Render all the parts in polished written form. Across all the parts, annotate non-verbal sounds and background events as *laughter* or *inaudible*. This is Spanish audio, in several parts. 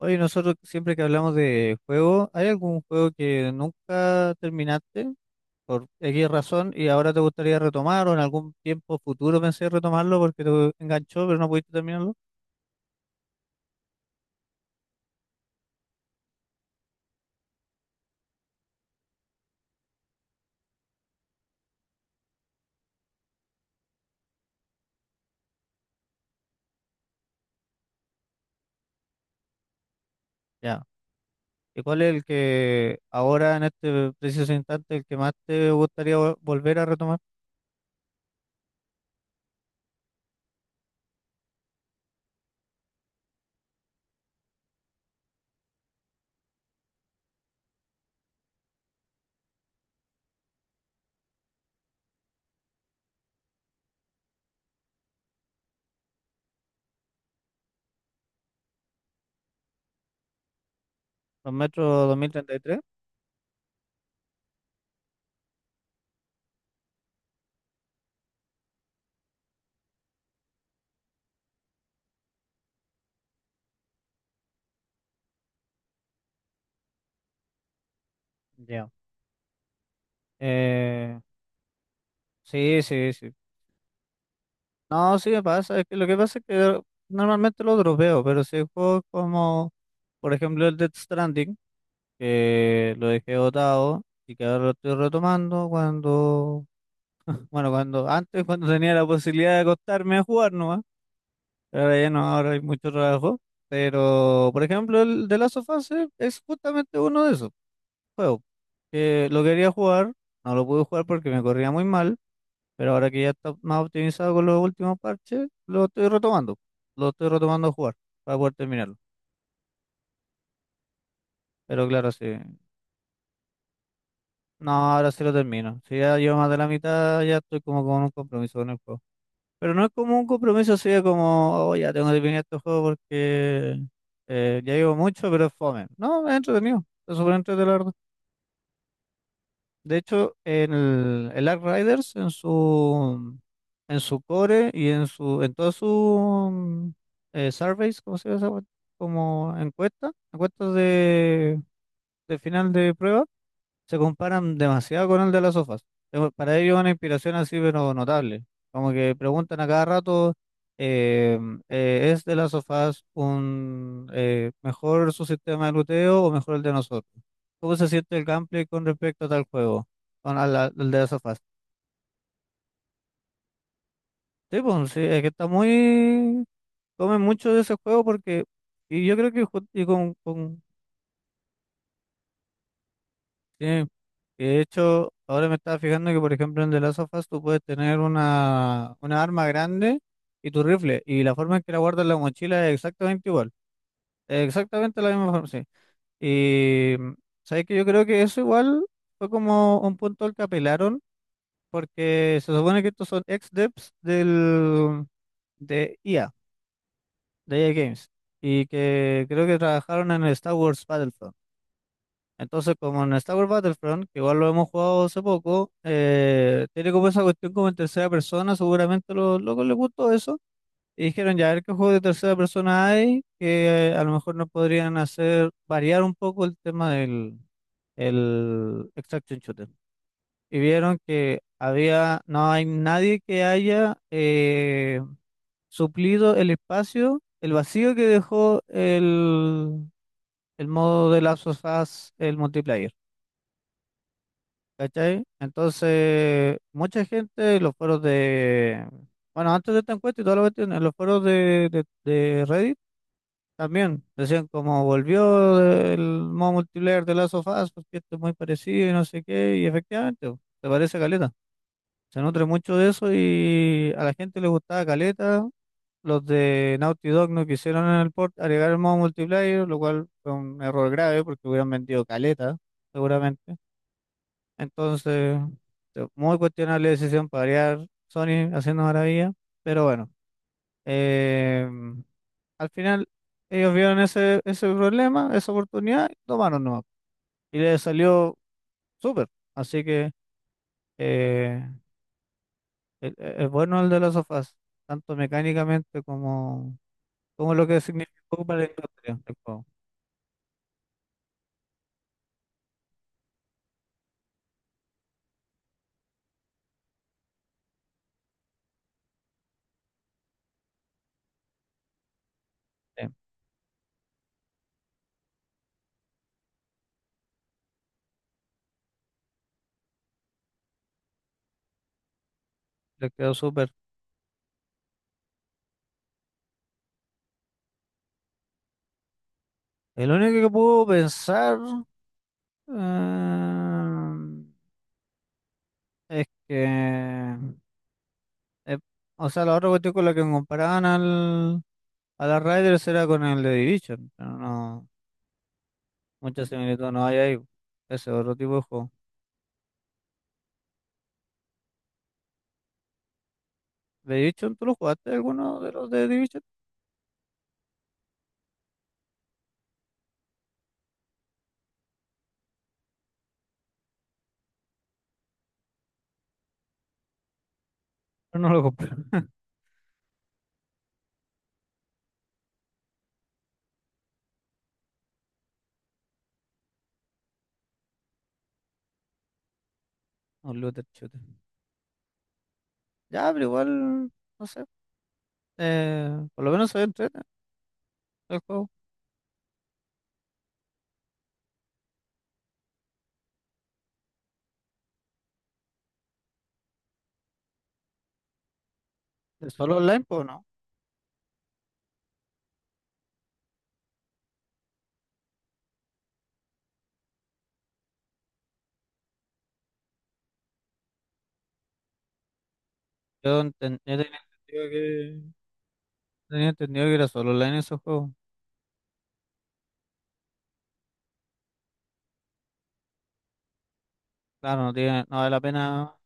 Oye, nosotros siempre que hablamos de juego, ¿hay algún juego que nunca terminaste por X razón y ahora te gustaría retomar o en algún tiempo futuro pensé retomarlo porque te enganchó pero no pudiste terminarlo? Ya. ¿Y cuál es el que ahora en este preciso instante el que más te gustaría volver a retomar? ¿Los metros tres? Ya. Eh, sí, sí, sí. No, sí me pasa. Es que lo que pasa es que normalmente lo dropeo, pero si hay juegos como, por ejemplo, el Death Stranding, que lo dejé botado y que ahora lo estoy retomando cuando, bueno, cuando antes, cuando tenía la posibilidad de acostarme a jugar nomás, pero ahora ya no, ahora hay mucho trabajo. Pero, por ejemplo, el de Last of Us es justamente uno de esos juegos que lo quería jugar, no lo pude jugar porque me corría muy mal, pero ahora que ya está más optimizado con los últimos parches, lo estoy retomando a jugar para poder terminarlo. Pero claro, sí. No, ahora sí lo termino. Si ya llevo más de la mitad, ya estoy como con un compromiso con el juego. Pero no es como un compromiso, así de como, oh, ya tengo que terminar este juego porque ya llevo mucho, pero es fome. No, es entretenido. Es súper entretenido, la verdad. De hecho, en el Ark Riders, en su core y en todos sus surveys, ¿cómo se llama esa cuestión? Como encuesta, encuestas de final de prueba. Se comparan demasiado con el de las sofás. Pero para ellos una inspiración así, pero notable. Como que preguntan a cada rato, eh, ¿es de las sofás un mejor su sistema de luteo o mejor el de nosotros? ¿Cómo se siente el gameplay con respecto a tal juego? Con al de las sofás. Sí, pues, sí, es que está muy... Comen mucho de ese juego porque... Y yo creo que y con sí, y de hecho, ahora me estaba fijando que, por ejemplo, en The Last of Us tú puedes tener una arma grande y tu rifle, y la forma en que la guardas en la mochila es exactamente igual, es exactamente la misma forma, sí. Y sabes que yo creo que eso igual fue como un punto al que apelaron, porque se supone que estos son ex-devs de IA, de EA Games, y que creo que trabajaron en el Star Wars Battlefront. Entonces, como en Star Wars Battlefront, que igual lo hemos jugado hace poco, tiene como esa cuestión como en tercera persona, seguramente a los locos les gustó eso. Y dijeron, ya, a ver qué juego de tercera persona hay, que a lo mejor nos podrían hacer variar un poco el tema del el extraction shooter. Y vieron que había, no hay nadie que haya suplido el espacio, el vacío que dejó el modo de Last of Us, el multiplayer. ¿Cachai? Entonces, mucha gente en los foros de. Bueno, antes de esta encuesta y toda la cuestión, en los foros de Reddit también decían como volvió el modo multiplayer de Last of Us, porque esto es muy parecido y no sé qué, y efectivamente, po, se parece a Caleta. Se nutre mucho de eso y a la gente le gustaba Caleta. Los de Naughty Dog no quisieron en el port agregar el modo multiplayer, lo cual fue un error grave porque hubieran vendido Caleta, seguramente. Entonces, este, muy cuestionable decisión para variar Sony haciendo maravilla, pero bueno, eh, al final ellos vieron ese problema, esa oportunidad, y tomaron nomás. Y les salió súper. Así que eh, es bueno el de los sofás, tanto mecánicamente como, como lo que significó para la industria del juego. Sí, les quedó súper. El único que puedo pensar eh, es que Eh, o sea, los otros cuestión con la que comparaban a las Riders era con el de Division, pero no, mucha similitud no hay ahí. Ese otro tipo de juego. ¿The Division tú lo jugaste alguno de los de Division? Pero no lo compré. *laughs* Un looter shooter. Ya, pero igual, no sé. Por lo menos se entrete el juego. ¿Es solo online, pues no? Yo, yo entendido que, tenía entendido que era solo online ese juego. Claro, no tiene, no vale la pena.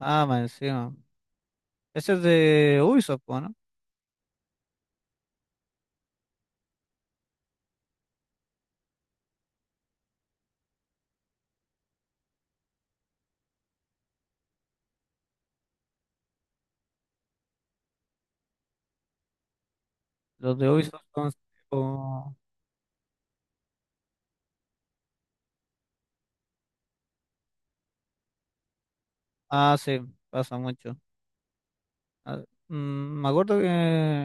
Ah, más encima. Ese es de Ubisoft, po, ¿no? Los de Ubisoft son... tipo- Ah, sí, pasa mucho. Ah, mm, me acuerdo que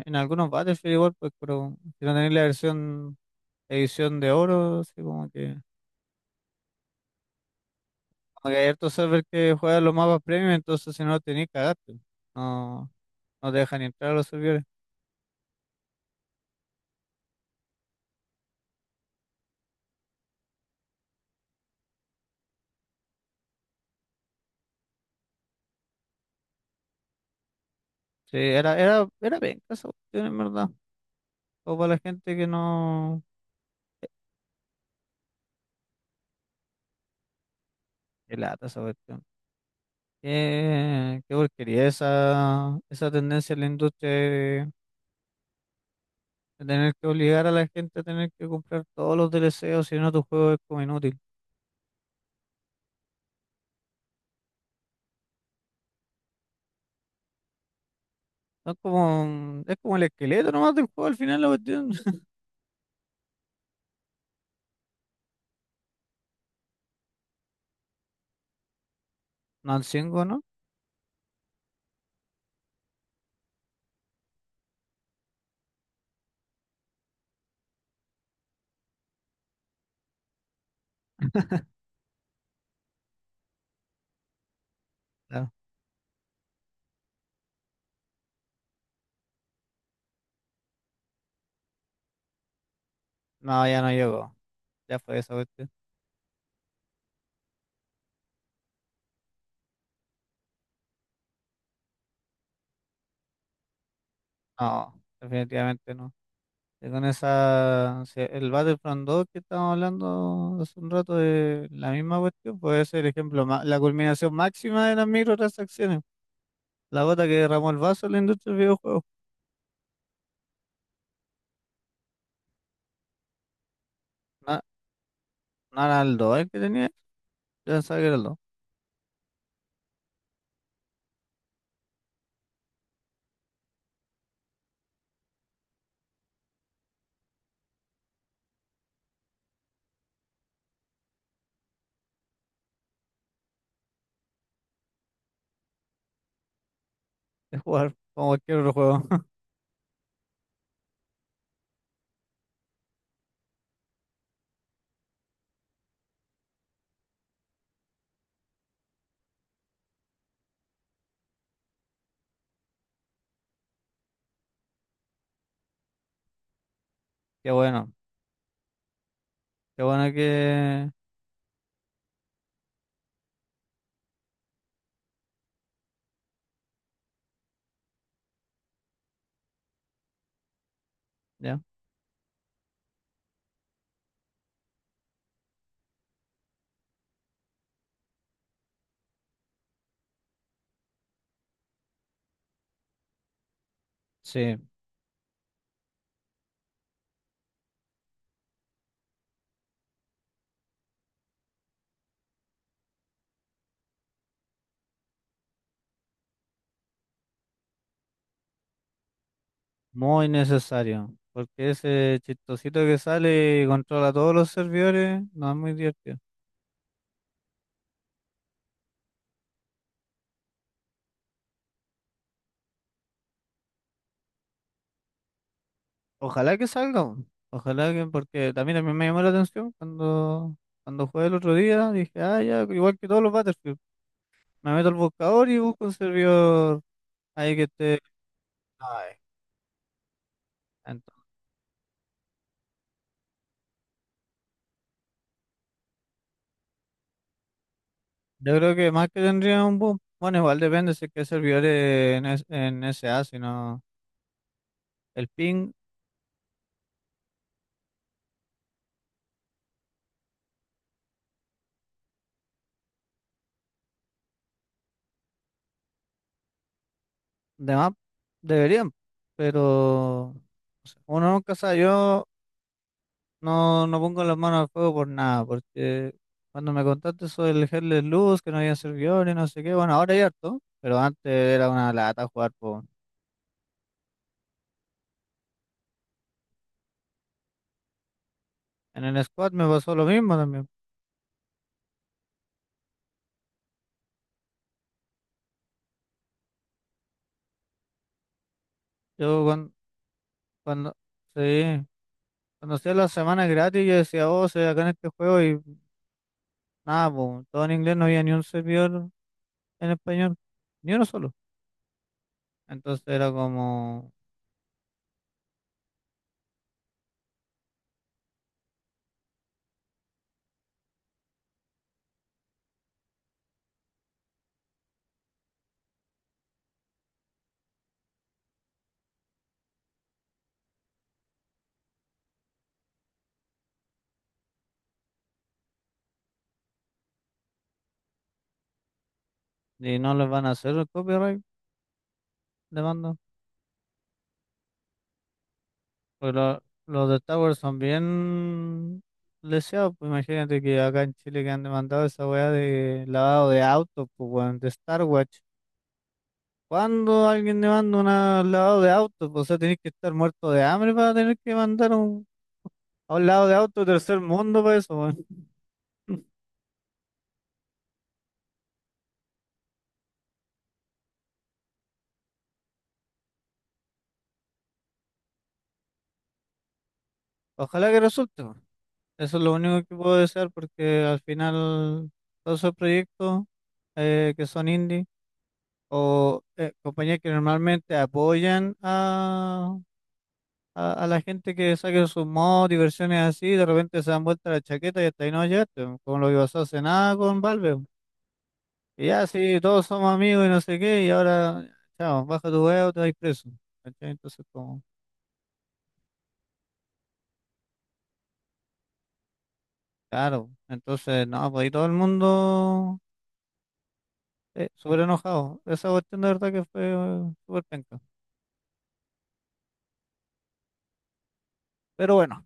en algunos Battlefield igual, pues, pero si no tenéis la versión edición de oro, así como que... Como que hay hartos servers que juegan los mapas premium, entonces si no lo tenéis, cagaste. No, no te dejan ni entrar a los servidores. Sí, era bien, esa cuestión, en verdad. O para la gente que no... Qué lata esa cuestión. Qué porquería esa tendencia en la industria de tener que obligar a la gente a tener que comprar todos los DLC, o si no tu juego es como inútil. Son como, es como el esqueleto nomás del juego al final la cuestión. *laughs* No, el cinco ¿no? Claro. No, ya no llegó. Ya fue esa cuestión. No, definitivamente no. Y con esa, si el Battlefront 2 que estábamos hablando hace un rato de la misma cuestión, puede ser el ejemplo, la culminación máxima de las microtransacciones. La gota que derramó el vaso en la industria del videojuego. No, no era el 2 el que tenía, yo pensaba que era el 2 de jugar como cualquier otro juego. *laughs* Qué bueno, qué bueno que... Ya, sí, muy necesario. Porque ese chistosito que sale y controla todos los servidores, no es muy divertido. Ojalá que salga, weón. Ojalá que, porque también a mí me llamó la atención cuando, cuando jugué el otro día, dije, ah, ya, igual que todos los Battlefield, me meto al buscador y busco un servidor ahí que esté. Ay, entonces, yo creo que más que tendría un boom, bueno, igual depende si es que hay servidores en, en SA, si no. El ping de map deberían, pero o sea, uno nunca sabe. Yo no, no pongo las manos al fuego por nada, porque cuando me contaste sobre el Headless Luz, que no había servidores, no sé qué, bueno, ahora hay harto, pero antes era una lata jugar. Po. En el squad me pasó lo mismo también. Yo cuando, sí, cuando hacía las semanas gratis, yo decía, oh, soy acá en este juego y nada, po, todo en inglés, no había ni un servidor en español, ni uno solo. Entonces era como. Y no les van a hacer el copyright demanda. Porque los de Tower son bien leseados. Pues imagínate que acá en Chile que han demandado esa weá de lavado de autos, pues weón, de Star Watch. ¿Cuándo alguien demanda un lavado de autos? Pues, o sea, tenés que estar muerto de hambre para tener que mandar un, a un lavado de auto de tercer mundo para eso, weón. Ojalá que resulte, weón. Eso es lo único que puedo desear porque al final todos esos proyectos que son indie. O compañías que normalmente apoyan a la gente que saque sus mods y versiones así, de repente se dan vuelta la chaqueta y hasta ahí no llegaste, bo, como lo que pasó hace nada con Valve. Bo. Y ya, sí, todos somos amigos y no sé qué, y ahora, chao, baja tu huevo, te vas preso. ¿Cachai? Entonces, como, claro, entonces, no, pues ahí todo el mundo súper enojado. Esa cuestión de verdad que fue súper penca. Pero bueno.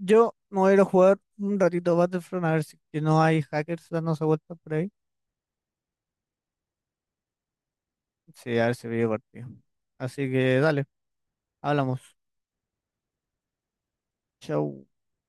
Yo me voy a ir a jugar un ratito Battlefront a ver si que no hay hackers dándose vueltas por ahí. Sí, a ver si veo partido. Así que dale, hablamos. Chau.